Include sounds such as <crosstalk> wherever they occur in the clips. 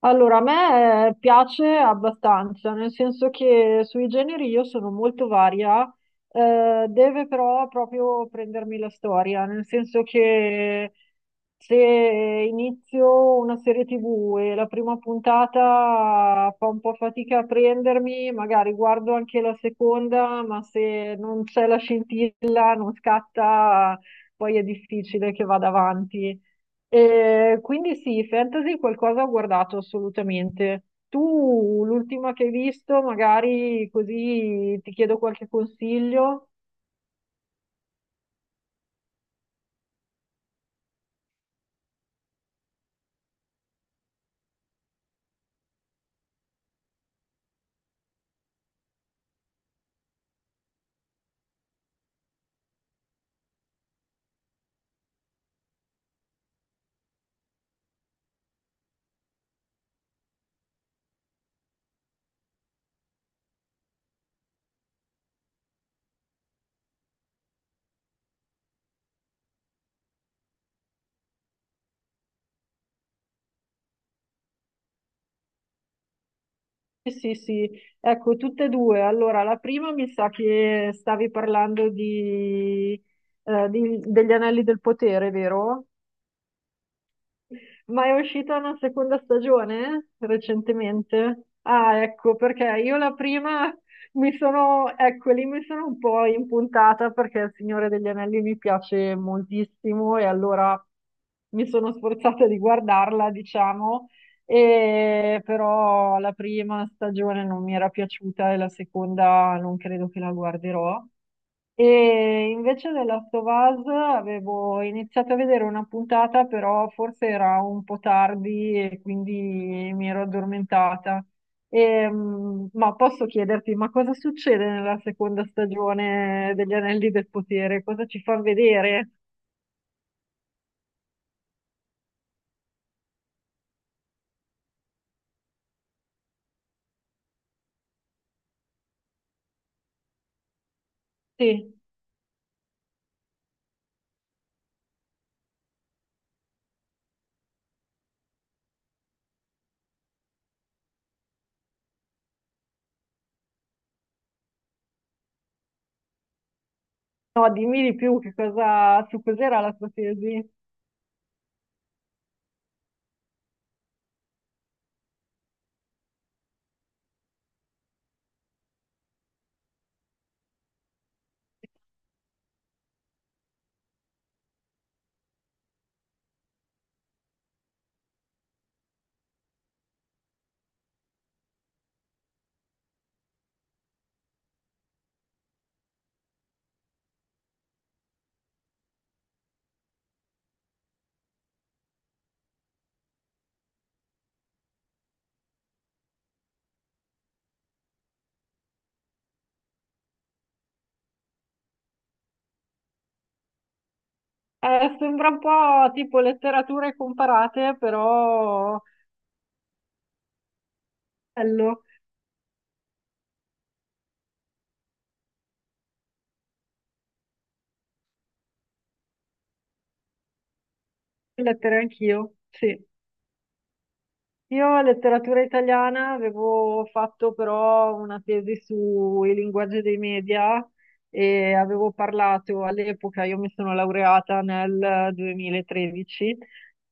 Allora, a me piace abbastanza, nel senso che sui generi io sono molto varia, deve però proprio prendermi la storia, nel senso che se inizio una serie TV e la prima puntata fa un po' fatica a prendermi, magari guardo anche la seconda, ma se non c'è la scintilla, non scatta, poi è difficile che vada avanti. Quindi sì, fantasy qualcosa ho guardato assolutamente. Tu l'ultima che hai visto, magari così ti chiedo qualche consiglio. Sì, sì, sì. Ecco, tutte e due. Allora, la prima mi sa che stavi parlando di, degli Anelli del Potere, vero? Ma è uscita una seconda stagione recentemente? Ah, ecco, perché io la prima mi sono, ecco, lì mi sono un po' impuntata perché Il Signore degli Anelli mi piace moltissimo e allora mi sono sforzata di guardarla, diciamo, e però la prima stagione non mi era piaciuta e la seconda non credo che la guarderò. E invece The Last of Us avevo iniziato a vedere una puntata, però forse era un po' tardi e quindi mi ero addormentata. Ma posso chiederti, ma cosa succede nella seconda stagione degli Anelli del Potere? Cosa ci fa vedere? Sì, no, dimmi di più che cosa, su cos'era la tua tesi. Sembra un po' tipo letterature comparate, però bello, lettere anch'io, sì. Io letteratura italiana avevo fatto però una tesi sui linguaggi dei media e avevo parlato all'epoca, io mi sono laureata nel 2013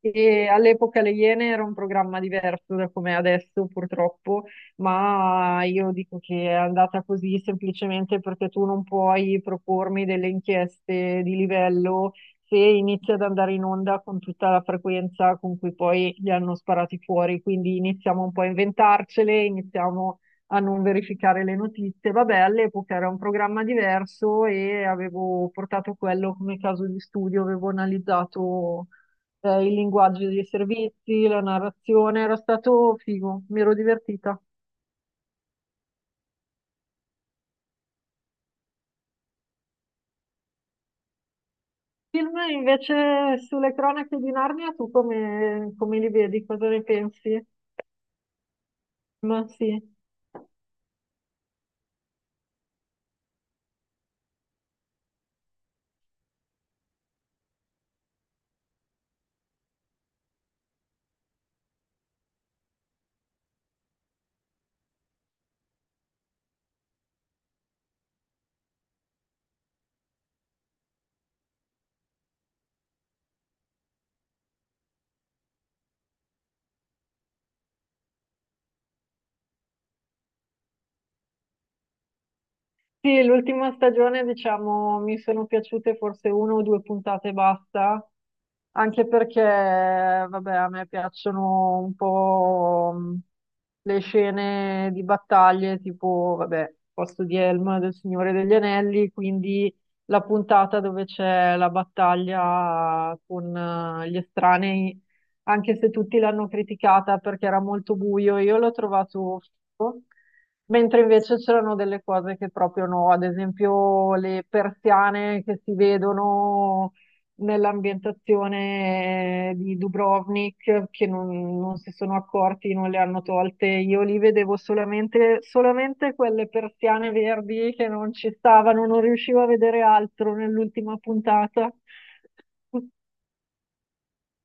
e all'epoca Le Iene era un programma diverso da come è adesso purtroppo, ma io dico che è andata così semplicemente perché tu non puoi propormi delle inchieste di livello se inizia ad andare in onda con tutta la frequenza con cui poi li hanno sparati fuori, quindi iniziamo un po' a inventarcele, iniziamo a non verificare le notizie. Vabbè, all'epoca era un programma diverso e avevo portato quello come caso di studio, avevo analizzato il linguaggio dei servizi, la narrazione, era stato figo, mi ero divertita. Film invece sulle Cronache di Narnia, tu come, come li vedi? Cosa ne pensi? Ma sì. Sì, l'ultima stagione, diciamo, mi sono piaciute forse una o due puntate e basta, anche perché, vabbè, a me piacciono un po' le scene di battaglie, tipo, vabbè, posto di Helm del Signore degli Anelli, quindi la puntata dove c'è la battaglia con gli estranei, anche se tutti l'hanno criticata perché era molto buio, io l'ho trovato figo. Mentre invece c'erano delle cose che proprio no, ad esempio le persiane che si vedono nell'ambientazione di Dubrovnik, che non, non si sono accorti, non le hanno tolte. Io lì vedevo solamente, solamente quelle persiane verdi che non ci stavano, non riuscivo a vedere altro nell'ultima puntata.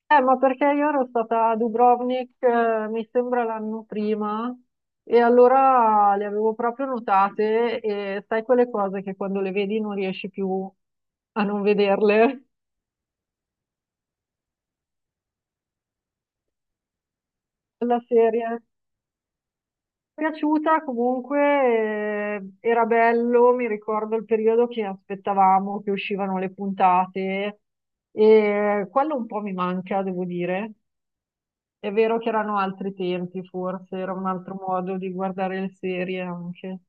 Ma perché io ero stata a Dubrovnik, mi sembra l'anno prima, e allora le avevo proprio notate e sai quelle cose che quando le vedi non riesci più a non vederle, <laughs> la serie. Mi è piaciuta comunque, era bello, mi ricordo il periodo che aspettavamo che uscivano le puntate e quello un po' mi manca, devo dire. È vero che erano altri tempi, forse era un altro modo di guardare le serie anche.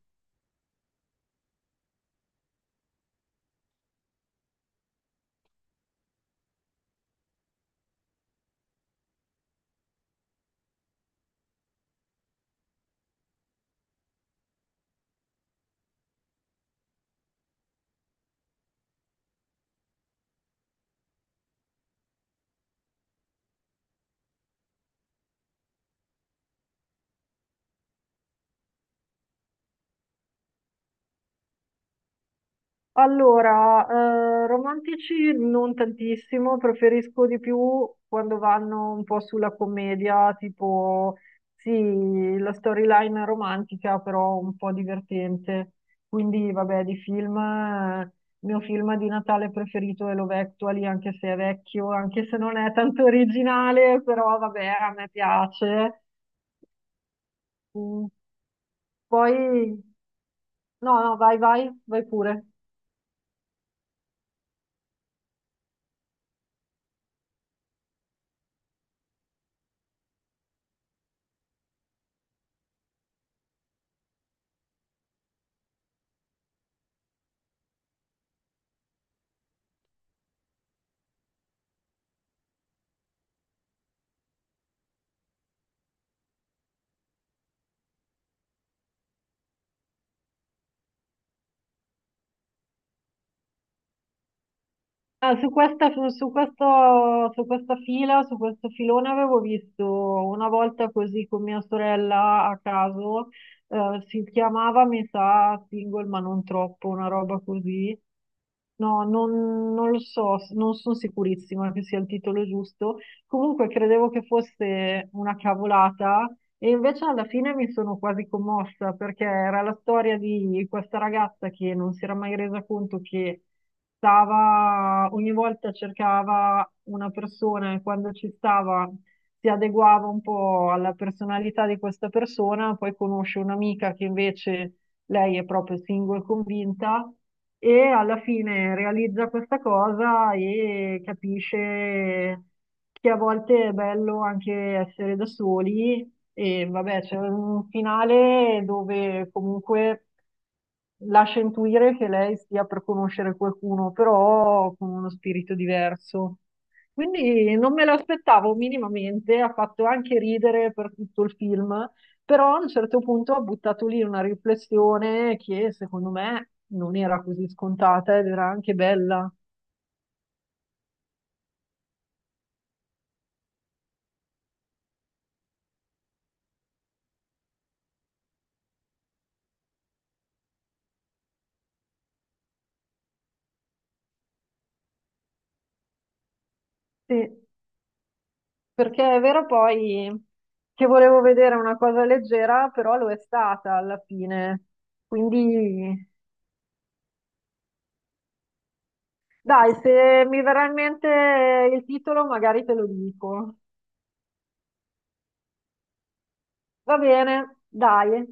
Allora, romantici non tantissimo, preferisco di più quando vanno un po' sulla commedia, tipo, sì, la storyline romantica, però un po' divertente. Quindi, vabbè, di film, il mio film di Natale preferito è L'Ovectuali, anche se è vecchio, anche se non è tanto originale, però vabbè, a me piace. Mm, poi, no, no, vai, vai, vai pure. Ah, su questa, su, su questo, su questa fila, su questo filone avevo visto una volta così con mia sorella a caso, si chiamava, mi sa, Single ma non troppo, una roba così. No, non, non lo so, non sono sicurissima che sia il titolo giusto. Comunque credevo che fosse una cavolata e invece alla fine mi sono quasi commossa perché era la storia di questa ragazza che non si era mai resa conto che stava, ogni volta cercava una persona e quando ci stava si adeguava un po' alla personalità di questa persona, poi conosce un'amica che invece lei è proprio single convinta e alla fine realizza questa cosa e capisce che a volte è bello anche essere da soli e vabbè, c'è un finale dove comunque lascia intuire che lei stia per conoscere qualcuno, però con uno spirito diverso. Quindi non me l'aspettavo minimamente, ha fatto anche ridere per tutto il film, però a un certo punto ha buttato lì una riflessione che secondo me non era così scontata ed era anche bella. Sì, perché è vero poi che volevo vedere una cosa leggera, però lo è stata alla fine. Quindi dai, se mi verrà in mente il titolo magari te lo dico. Va bene, dai.